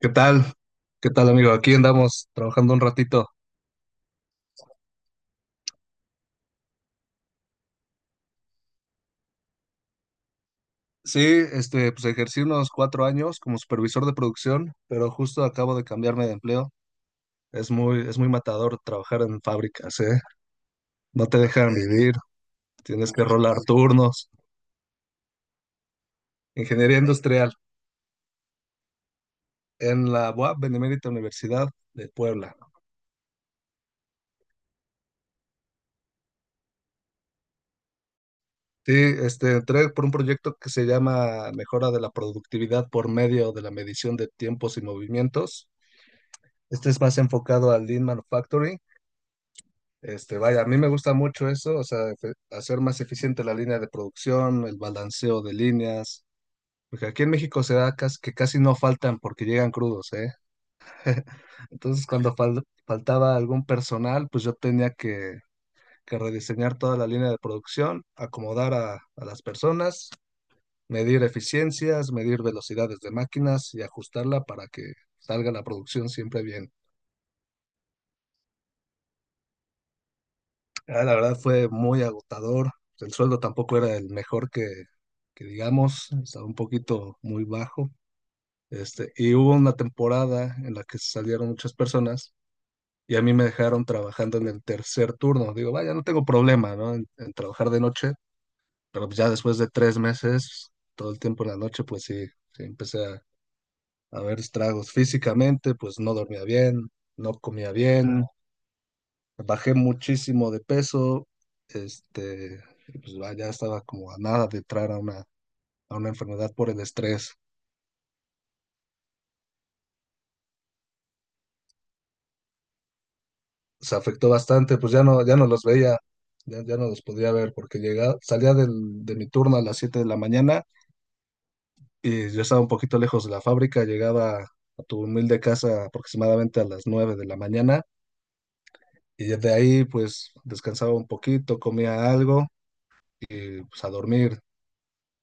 ¿Qué tal? ¿Qué tal, amigo? Aquí andamos trabajando un ratito. Sí, pues ejercí unos 4 años como supervisor de producción, pero justo acabo de cambiarme de empleo. Es muy matador trabajar en fábricas, ¿eh? No te dejan vivir, tienes que rolar turnos. Ingeniería industrial en la UAP, Benemérita Universidad de Puebla. Sí, entré por un proyecto que se llama Mejora de la Productividad por medio de la medición de tiempos y movimientos. Este es más enfocado al Lean Manufacturing. Vaya, a mí me gusta mucho eso, o sea, hacer más eficiente la línea de producción, el balanceo de líneas, porque aquí en México se da que casi no faltan porque llegan crudos, ¿eh? Entonces, cuando faltaba algún personal, pues yo tenía que rediseñar toda la línea de producción, acomodar a las personas, medir eficiencias, medir velocidades de máquinas y ajustarla para que salga la producción siempre bien. Ah, la verdad fue muy agotador. El sueldo tampoco era el mejor que digamos, estaba un poquito muy bajo. Y hubo una temporada en la que salieron muchas personas y a mí me dejaron trabajando en el tercer turno. Digo, vaya, no tengo problema, ¿no? En trabajar de noche, pero pues ya después de 3 meses, todo el tiempo en la noche, pues sí empecé a ver estragos físicamente, pues no dormía bien, no comía bien. Bajé muchísimo de peso, este, y pues ya estaba como a nada de entrar a una enfermedad por el estrés. Se afectó bastante, pues ya no los veía, ya no los podía ver porque llegaba, salía de mi turno a las 7 de la mañana y yo estaba un poquito lejos de la fábrica, llegaba a tu humilde casa aproximadamente a las 9 de la mañana y de ahí pues descansaba un poquito, comía algo y pues a dormir.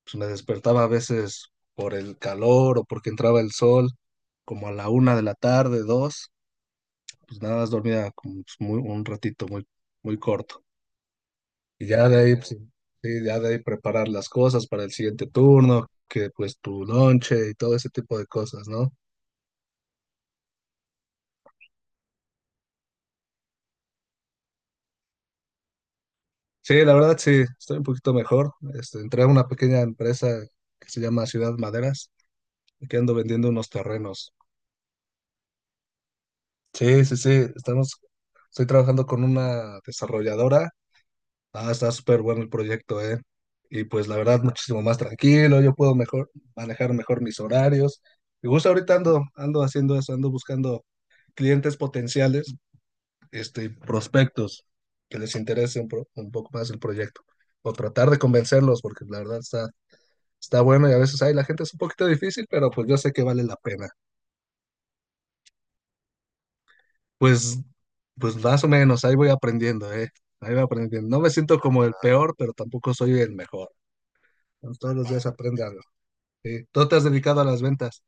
Pues me despertaba a veces por el calor o porque entraba el sol como a la 1 de la tarde, dos, pues nada más dormía como pues, muy, un ratito muy, muy corto. Y ya de ahí, pues, sí, sí, ya de ahí preparar las cosas para el siguiente turno, que pues tu lonche y todo ese tipo de cosas, ¿no? Sí, la verdad sí, estoy un poquito mejor. Entré a una pequeña empresa que se llama Ciudad Maderas, y que ando vendiendo unos terrenos. Sí, sí, sí, estamos, estoy trabajando con una desarrolladora. Ah, está súper bueno el proyecto, ¿eh? Y pues la verdad, muchísimo más tranquilo, yo puedo mejor manejar mejor mis horarios. Y justo ahorita ando haciendo eso, ando buscando clientes potenciales, prospectos que les interese un poco más el proyecto. O tratar de convencerlos, porque la verdad está bueno y a veces, ay, la gente es un poquito difícil, pero pues yo sé que vale la pena. Pues, pues más o menos, ahí voy aprendiendo, ¿eh? Ahí voy aprendiendo. No me siento como el peor, pero tampoco soy el mejor. Todos los días aprende algo. Sí, tú te has dedicado a las ventas.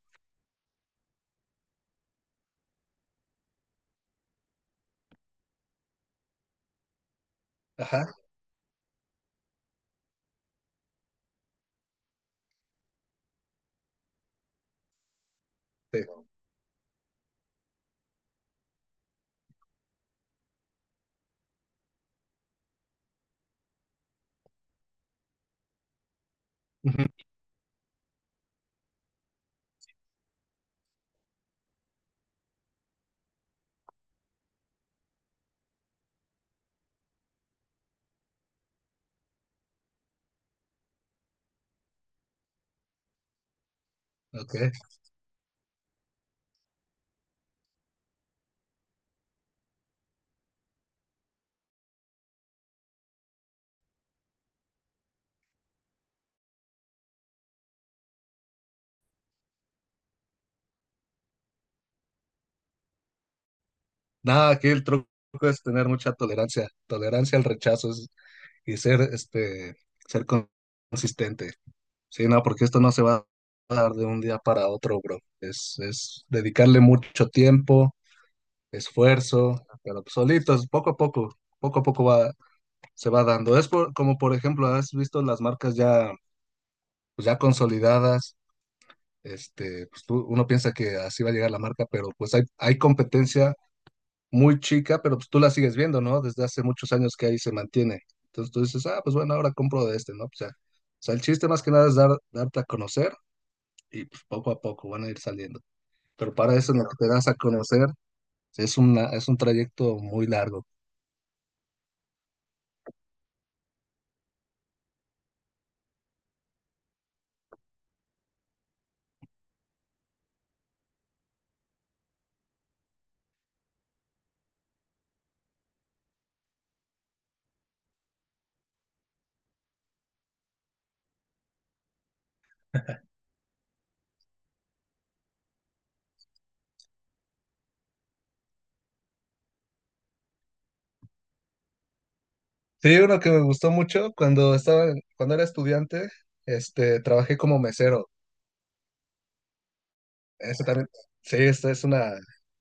Ajá, sí. Ujú. Ok. Nada, aquí el truco es tener mucha tolerancia, tolerancia al rechazo y ser, ser consistente. Sí, no, porque esto no se va a dar de un día para otro, bro. Es dedicarle mucho tiempo, esfuerzo, pero pues solitos, poco a poco va, se va dando. Es como, por ejemplo, has visto las marcas ya, pues, ya consolidadas. Pues uno piensa que así va a llegar la marca, pero pues hay competencia muy chica, pero pues tú la sigues viendo, ¿no? Desde hace muchos años que ahí se mantiene. Entonces tú dices, ah, pues bueno, ahora compro de este, ¿no? o sea, el chiste más que nada es darte a conocer y pues, poco a poco van a ir saliendo. Pero para eso, en lo que te das a conocer, es un trayecto muy largo. Sí, uno que me gustó mucho cuando estaba, cuando era estudiante, trabajé como mesero. Eso también, sí, esta es una.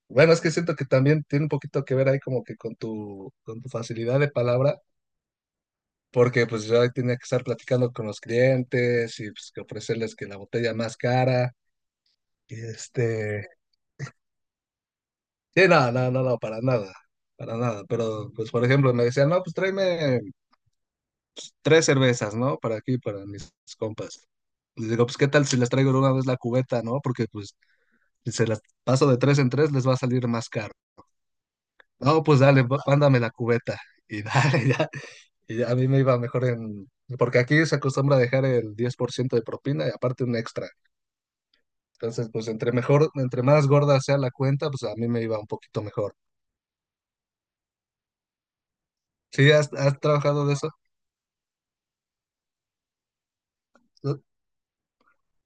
Bueno, es que siento que también tiene un poquito que ver ahí como que con tu facilidad de palabra, porque pues yo ahí tenía que estar platicando con los clientes y pues que ofrecerles que la botella más cara. Y sí, no, no, no, no, para nada, para nada. Pero pues por ejemplo me decían, no, pues tráeme tres cervezas, ¿no? Para aquí, para mis compas. Les digo, pues qué tal si les traigo de una vez la cubeta, ¿no? Porque pues si se las paso de tres en tres les va a salir más caro. No, pues dale, mándame la cubeta. Y dale, ya. Y ya a mí me iba mejor en... Porque aquí se acostumbra a dejar el 10% de propina y aparte un extra. Entonces, pues entre mejor, entre más gorda sea la cuenta, pues a mí me iba un poquito mejor. ¿Sí has trabajado de eso? Yo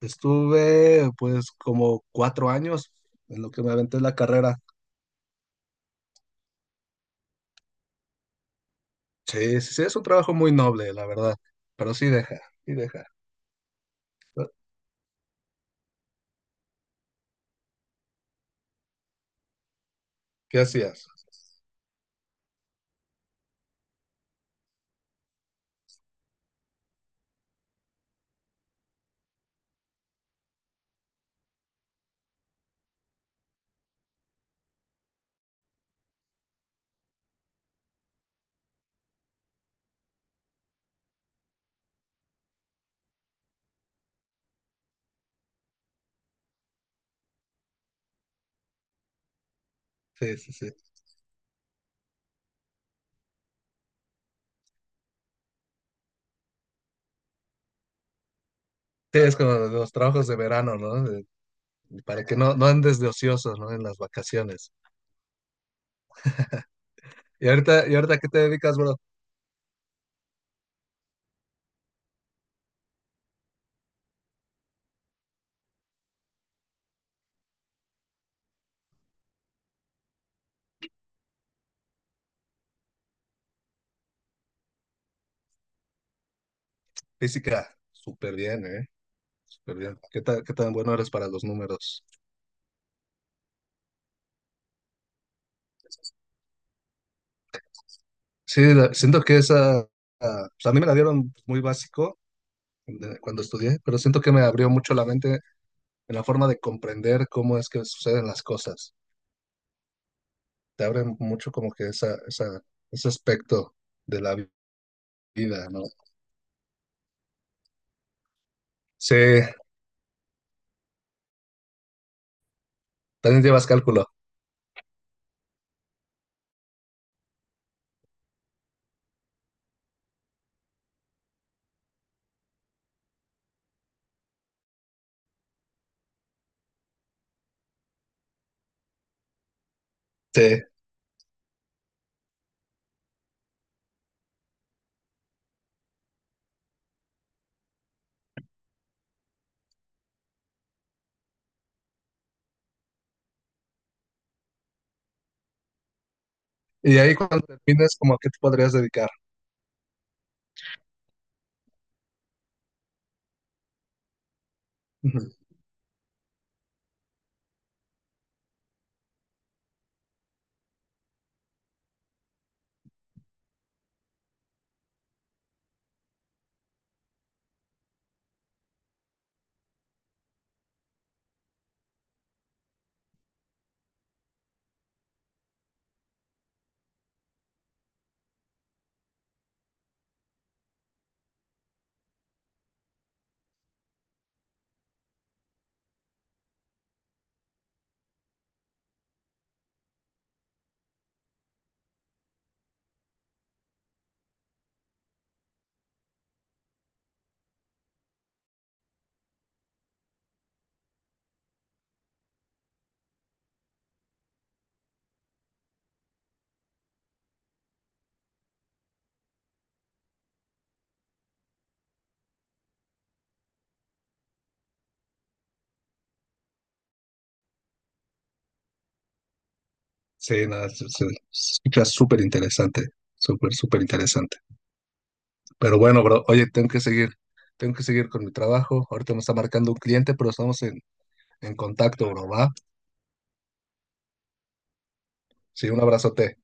estuve pues como 4 años en lo que me aventé la carrera. Sí, sí, sí, es un trabajo muy noble, la verdad. Pero sí deja, sí deja. ¿Qué hacías? Sí, sí, sí. Sí, es como los trabajos de verano, ¿no? Para que no andes de ociosos, ¿no? En las vacaciones. ¿Y ahorita qué te dedicas, bro? Física, súper bien, ¿eh? Súper bien. ¿Qué tan bueno eres para los números? Sí, siento que ah, pues a mí me la dieron muy básico cuando estudié, pero siento que me abrió mucho la mente en la forma de comprender cómo es que suceden las cosas. Te abre mucho como que ese aspecto de la vida, ¿no? Sí, también llevas cálculo. Sí. ¿Y ahí cuando termines, como a qué te podrías dedicar? Sí, nada, se, se escucha súper interesante, súper, súper interesante. Pero bueno, bro, oye, tengo que seguir con mi trabajo. Ahorita me está marcando un cliente, pero estamos en contacto, bro, ¿va? Sí, un abrazote.